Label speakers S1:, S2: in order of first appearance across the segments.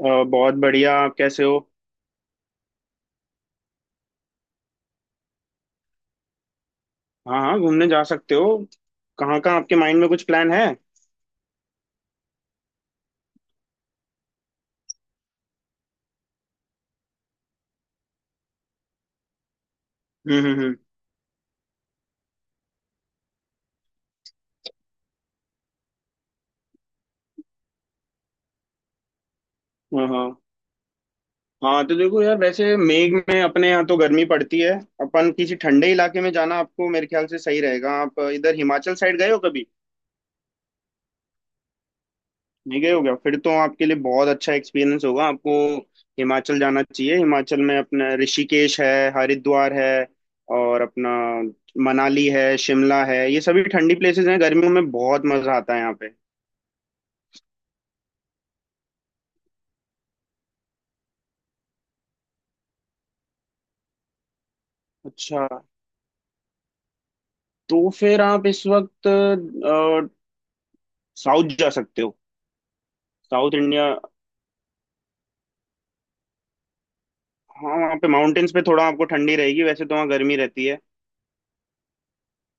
S1: बहुत बढ़िया। आप कैसे हो? हाँ, हाँ, घूमने जा सकते हो। कहाँ कहाँ आपके माइंड में कुछ प्लान है? हम्म, हम्म, हम्म। हाँ, हाँ, हाँ, तो देखो यार, वैसे मेघ में अपने यहाँ तो गर्मी पड़ती है। अपन किसी ठंडे इलाके में जाना आपको मेरे ख्याल से सही रहेगा। आप इधर हिमाचल साइड गए हो कभी? नहीं गए हो क्या? फिर तो आपके लिए बहुत अच्छा एक्सपीरियंस होगा। आपको हिमाचल जाना चाहिए। हिमाचल में अपना ऋषिकेश है, हरिद्वार है, और अपना मनाली है, शिमला है। ये सभी ठंडी प्लेसेस हैं, गर्मियों में बहुत मजा आता है यहाँ पे। अच्छा, तो फिर आप इस वक्त साउथ जा सकते हो। South India. हाँ, वहाँ पे माउंटेन्स पे थोड़ा आपको ठंडी रहेगी, वैसे तो वहाँ गर्मी रहती है।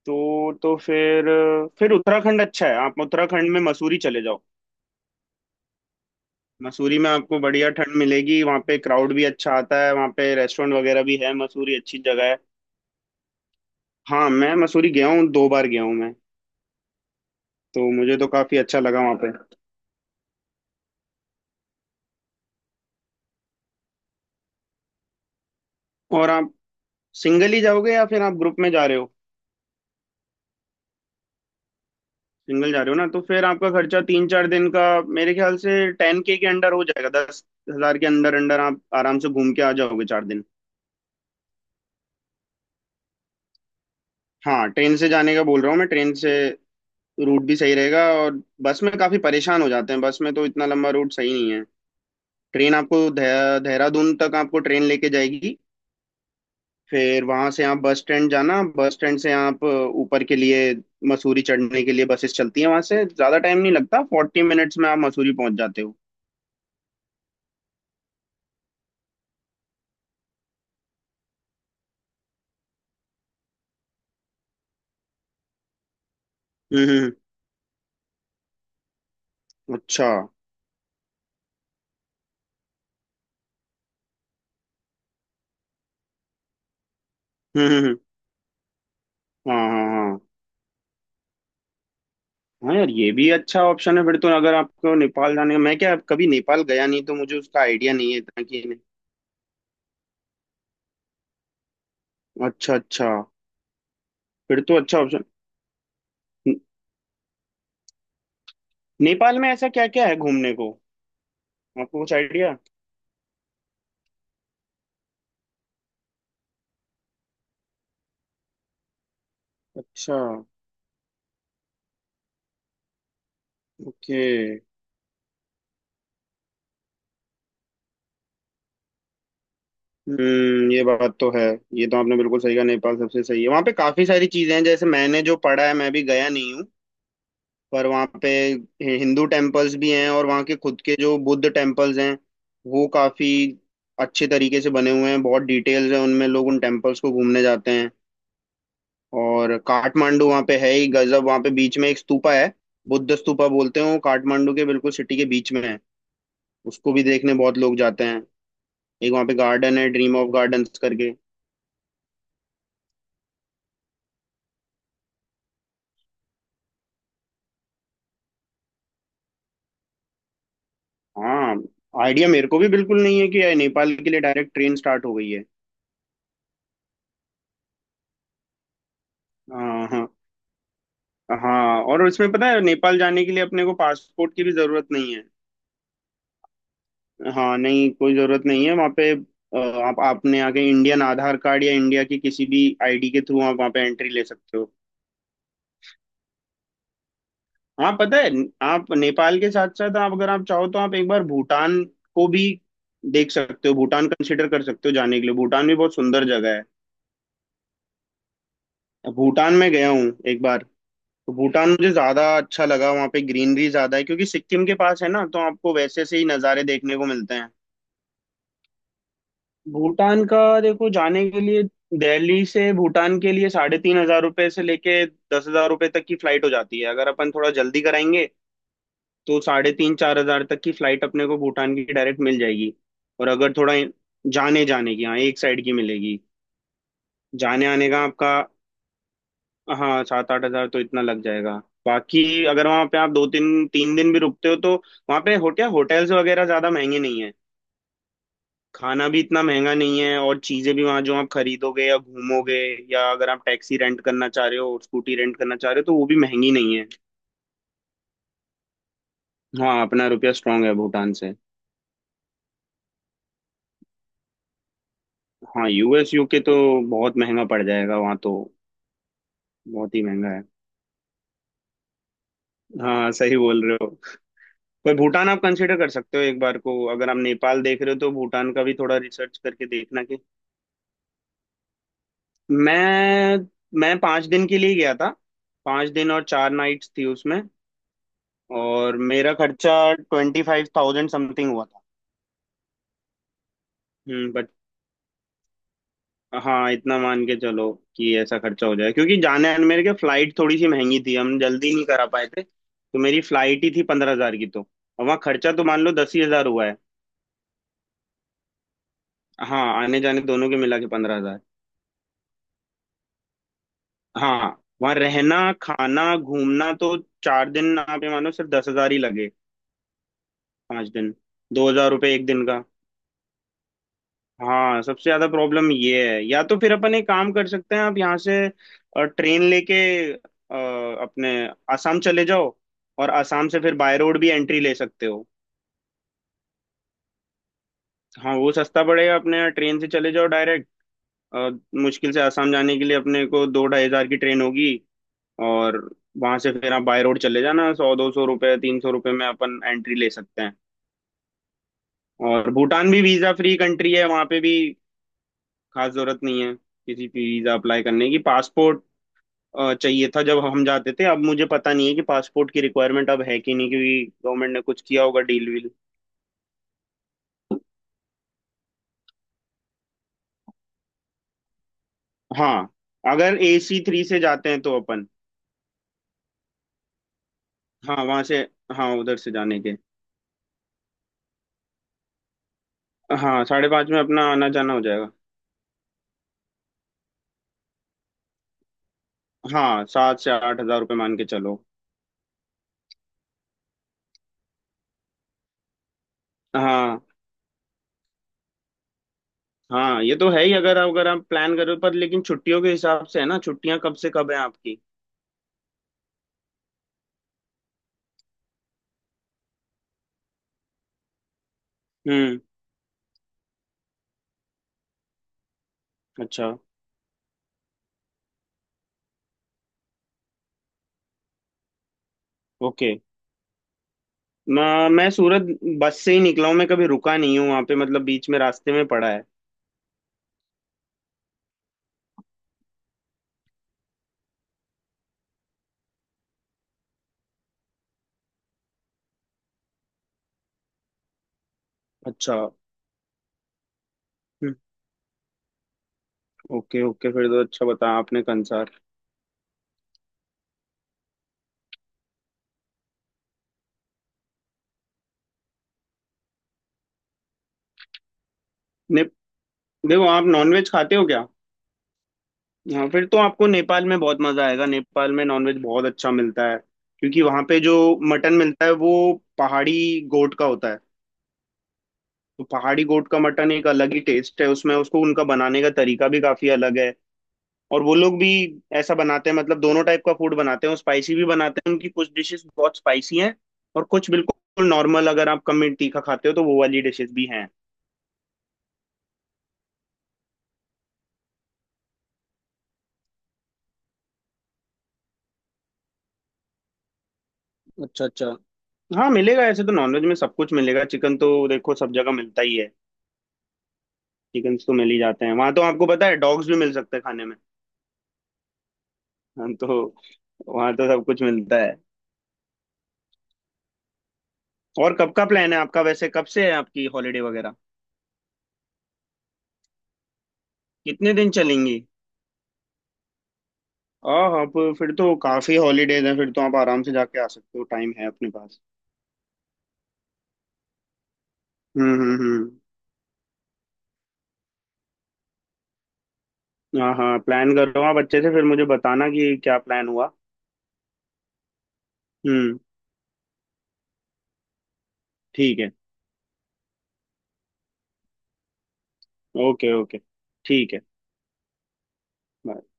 S1: तो फिर उत्तराखंड अच्छा है। आप उत्तराखंड में मसूरी चले जाओ। मसूरी में आपको बढ़िया ठंड मिलेगी, वहाँ पे क्राउड भी अच्छा आता है, वहाँ पे रेस्टोरेंट वगैरह भी है। मसूरी अच्छी जगह है। हाँ, मैं मसूरी गया हूँ, दो बार गया हूँ मैं। तो मुझे तो काफी अच्छा लगा वहाँ पे। और आप सिंगल ही जाओगे, या फिर आप ग्रुप में जा रहे हो? सिंगल जा रहे हो ना, तो फिर आपका खर्चा 3-4 दिन का मेरे ख्याल से 10 के अंडर हो जाएगा। 10,000 के अंदर अंडर आप आराम से घूम के आ जाओगे 4 दिन। हाँ, ट्रेन से जाने का बोल रहा हूँ मैं, ट्रेन से। रूट भी सही रहेगा, और बस में काफी परेशान हो जाते हैं, बस में तो इतना लंबा रूट सही नहीं है। ट्रेन आपको देहरादून तक आपको ट्रेन लेके जाएगी। फिर वहां से आप बस स्टैंड जाना, बस स्टैंड से आप ऊपर के लिए, मसूरी चढ़ने के लिए बसेस चलती हैं। वहां से ज्यादा टाइम नहीं लगता, 40 मिनट्स में आप मसूरी पहुंच जाते हो। हम्म, अच्छा। हम्म, हम्म। हाँ, हाँ, हाँ। हाँ यार, ये भी अच्छा ऑप्शन है फिर तो। अगर आपको नेपाल जाने का, मैं क्या, कभी नेपाल गया नहीं, तो मुझे उसका आइडिया नहीं है इतना कि। अच्छा, अच्छा। फिर तो अच्छा ऑप्शन। न- नेपाल में ऐसा क्या क्या है घूमने को? आपको कुछ आइडिया? अच्छा। ओके। हम्म, ये बात तो है। ये तो आपने बिल्कुल सही कहा, नेपाल सबसे सही है। वहाँ पे काफी सारी चीजें हैं, जैसे मैंने जो पढ़ा है, मैं भी गया नहीं हूँ, पर वहाँ पे हिंदू टेम्पल्स भी हैं, और वहाँ के खुद के जो बुद्ध टेम्पल्स हैं, वो काफी अच्छे तरीके से बने हुए हैं, बहुत डिटेल्स हैं उनमें, लोग उन टेम्पल्स को घूमने जाते हैं। और काठमांडू वहाँ पे है ही गजब। वहाँ पे बीच में एक स्तूपा है, बुद्ध स्तूपा बोलते हैं, वो काठमांडू के बिल्कुल सिटी के बीच में है। उसको भी देखने बहुत लोग जाते हैं। एक वहाँ पे गार्डन है, ड्रीम ऑफ गार्डन्स करके। हाँ, आइडिया मेरे को भी बिल्कुल नहीं है कि नेपाल के लिए डायरेक्ट ट्रेन स्टार्ट हो गई है। हाँ, हाँ, हाँ, और उसमें पता है, नेपाल जाने के लिए अपने को पासपोर्ट की भी जरूरत नहीं है। हाँ, नहीं कोई जरूरत नहीं है। वहाँ पे आप आपने आके इंडियन आधार कार्ड या इंडिया की किसी भी ID के थ्रू आप वहाँ पे एंट्री ले सकते हो। हाँ, पता है। आप नेपाल के साथ साथ, आप अगर आप चाहो तो आप एक बार भूटान को भी देख सकते हो। भूटान कंसिडर कर सकते हो जाने के लिए, भूटान भी बहुत सुंदर जगह है। भूटान में गया हूँ एक बार। तो भूटान मुझे ज्यादा अच्छा लगा, वहाँ पे ग्रीनरी ज्यादा है, क्योंकि सिक्किम के पास है ना, तो आपको वैसे से ही नज़ारे देखने को मिलते हैं। भूटान का देखो, जाने के लिए दिल्ली से भूटान के लिए ₹3,500 से लेके ₹10,000 तक की फ्लाइट हो जाती है। अगर अपन थोड़ा जल्दी कराएंगे, तो साढ़े तीन चार हजार तक की फ्लाइट अपने को भूटान की डायरेक्ट मिल जाएगी। और अगर थोड़ा, जाने जाने की, हाँ, एक साइड की मिलेगी। जाने आने का आपका, हाँ, 7-8 हजार तो इतना लग जाएगा। बाकी अगर वहाँ पे आप दो तीन तीन दिन भी रुकते हो, तो वहाँ पे होटल्स वगैरह ज्यादा महंगे नहीं है। खाना भी इतना महंगा नहीं है, और चीजें भी वहां जो आप खरीदोगे या घूमोगे, या अगर आप टैक्सी रेंट करना चाह रहे हो और स्कूटी रेंट करना चाह रहे हो, तो वो भी महंगी नहीं है। हाँ, अपना रुपया स्ट्रांग है भूटान से। हाँ, US UK तो बहुत महंगा पड़ जाएगा वहां तो। बहुत ही महंगा है। हाँ, सही बोल रहे हो। पर भूटान आप कंसिडर कर सकते हो एक बार को, अगर आप नेपाल देख रहे हो तो भूटान का भी थोड़ा रिसर्च करके देखना कि। मैं मैं 5 दिन के लिए गया था। 5 दिन और 4 नाइट्स थी उसमें। और मेरा खर्चा 25,000 समथिंग हुआ था। हम्म, बट। हाँ, इतना मान के चलो कि ऐसा खर्चा हो जाए, क्योंकि जाने आने मेरे के फ्लाइट थोड़ी सी महंगी थी, हम जल्दी नहीं करा पाए थे, तो मेरी फ्लाइट ही थी 15,000 की तो। और वहाँ खर्चा तो मान लो दस ही हजार हुआ है। हाँ, आने जाने दोनों के मिला के 15,000। हाँ, वहाँ रहना खाना घूमना तो 4 दिन आप ये मानो सिर्फ 10,000 ही लगे। 5 दिन, ₹2,000 एक दिन का। हाँ, सबसे ज्यादा प्रॉब्लम ये है। या तो फिर अपन एक काम कर सकते हैं, आप यहाँ से ट्रेन लेके अ, अपने आसाम चले जाओ, और आसाम से फिर बाय रोड भी एंट्री ले सकते हो। हाँ, वो सस्ता पड़ेगा, अपने ट्रेन से चले जाओ डायरेक्ट। अ, मुश्किल से आसाम जाने के लिए अपने को दो ढाई हजार की ट्रेन होगी। और वहां से फिर आप बाय रोड चले जाना, सौ दो सौ रुपये, ₹300 में अपन एंट्री ले सकते हैं। और भूटान भी वीजा फ्री कंट्री है वहां पे भी। खास जरूरत नहीं है किसी की वीजा अप्लाई करने की। पासपोर्ट चाहिए था जब हम जाते थे, अब मुझे पता नहीं है कि पासपोर्ट की रिक्वायरमेंट अब है कि नहीं, क्योंकि गवर्नमेंट ने कुछ किया होगा डील वील। हाँ, अगर AC3 से जाते हैं तो अपन। हाँ, वहां से। हाँ, उधर से जाने के। हाँ, साढ़े पाँच में अपना आना जाना हो जाएगा। हाँ, 7 से 8 हजार रुपये मान के चलो। हाँ, हाँ, ये तो है ही। अगर अगर आप प्लान करो पर, लेकिन छुट्टियों के हिसाब से है ना, छुट्टियां कब से कब है आपकी? हम्म, अच्छा, ओके। मैं सूरत बस से ही निकला हूँ, मैं कभी रुका नहीं हूँ वहां पे, मतलब बीच में रास्ते में पड़ा है। अच्छा। हम्म, ओके, ओके। फिर तो अच्छा बताया आपने कंसार। ने, देखो आप नॉनवेज खाते हो क्या? हाँ, फिर तो आपको नेपाल में बहुत मजा आएगा, नेपाल में नॉनवेज बहुत अच्छा मिलता है, क्योंकि वहाँ पे जो मटन मिलता है वो पहाड़ी गोट का होता है। तो पहाड़ी गोट का मटन एक अलग ही टेस्ट है उसमें, उसको उनका बनाने का तरीका भी काफी अलग है। और वो लोग भी ऐसा बनाते हैं, मतलब दोनों टाइप का फूड बनाते हैं। वो स्पाइसी भी बनाते हैं, उनकी कुछ डिशेस बहुत स्पाइसी हैं। और कुछ बिल्कुल नॉर्मल, अगर आप कम मिर्च तीखा खाते हो तो वो वाली डिशेस भी हैं। अच्छा, अच्छा। हाँ, मिलेगा, ऐसे तो नॉनवेज में सब कुछ मिलेगा, चिकन तो देखो सब जगह मिलता ही है। चिकन तो मिल ही जाते हैं। वहां तो आपको पता है डॉग्स भी मिल सकते हैं खाने में। हाँ, तो वहां तो सब कुछ मिलता है। और कब का प्लान है आपका? वैसे कब से है आपकी हॉलीडे वगैरह? कितने दिन चलेंगी? हाँ, हाँ, तो फिर तो काफी हॉलीडेज हैं, फिर तो आप आराम से जाके आ सकते हो, टाइम है अपने पास। हम्म, हम्म, हम्म। हाँ, हाँ, प्लान कर रहा हूँ, आप अच्छे से फिर मुझे बताना कि क्या प्लान हुआ। हम्म, ठीक है। ओके, ओके, ठीक है। bye।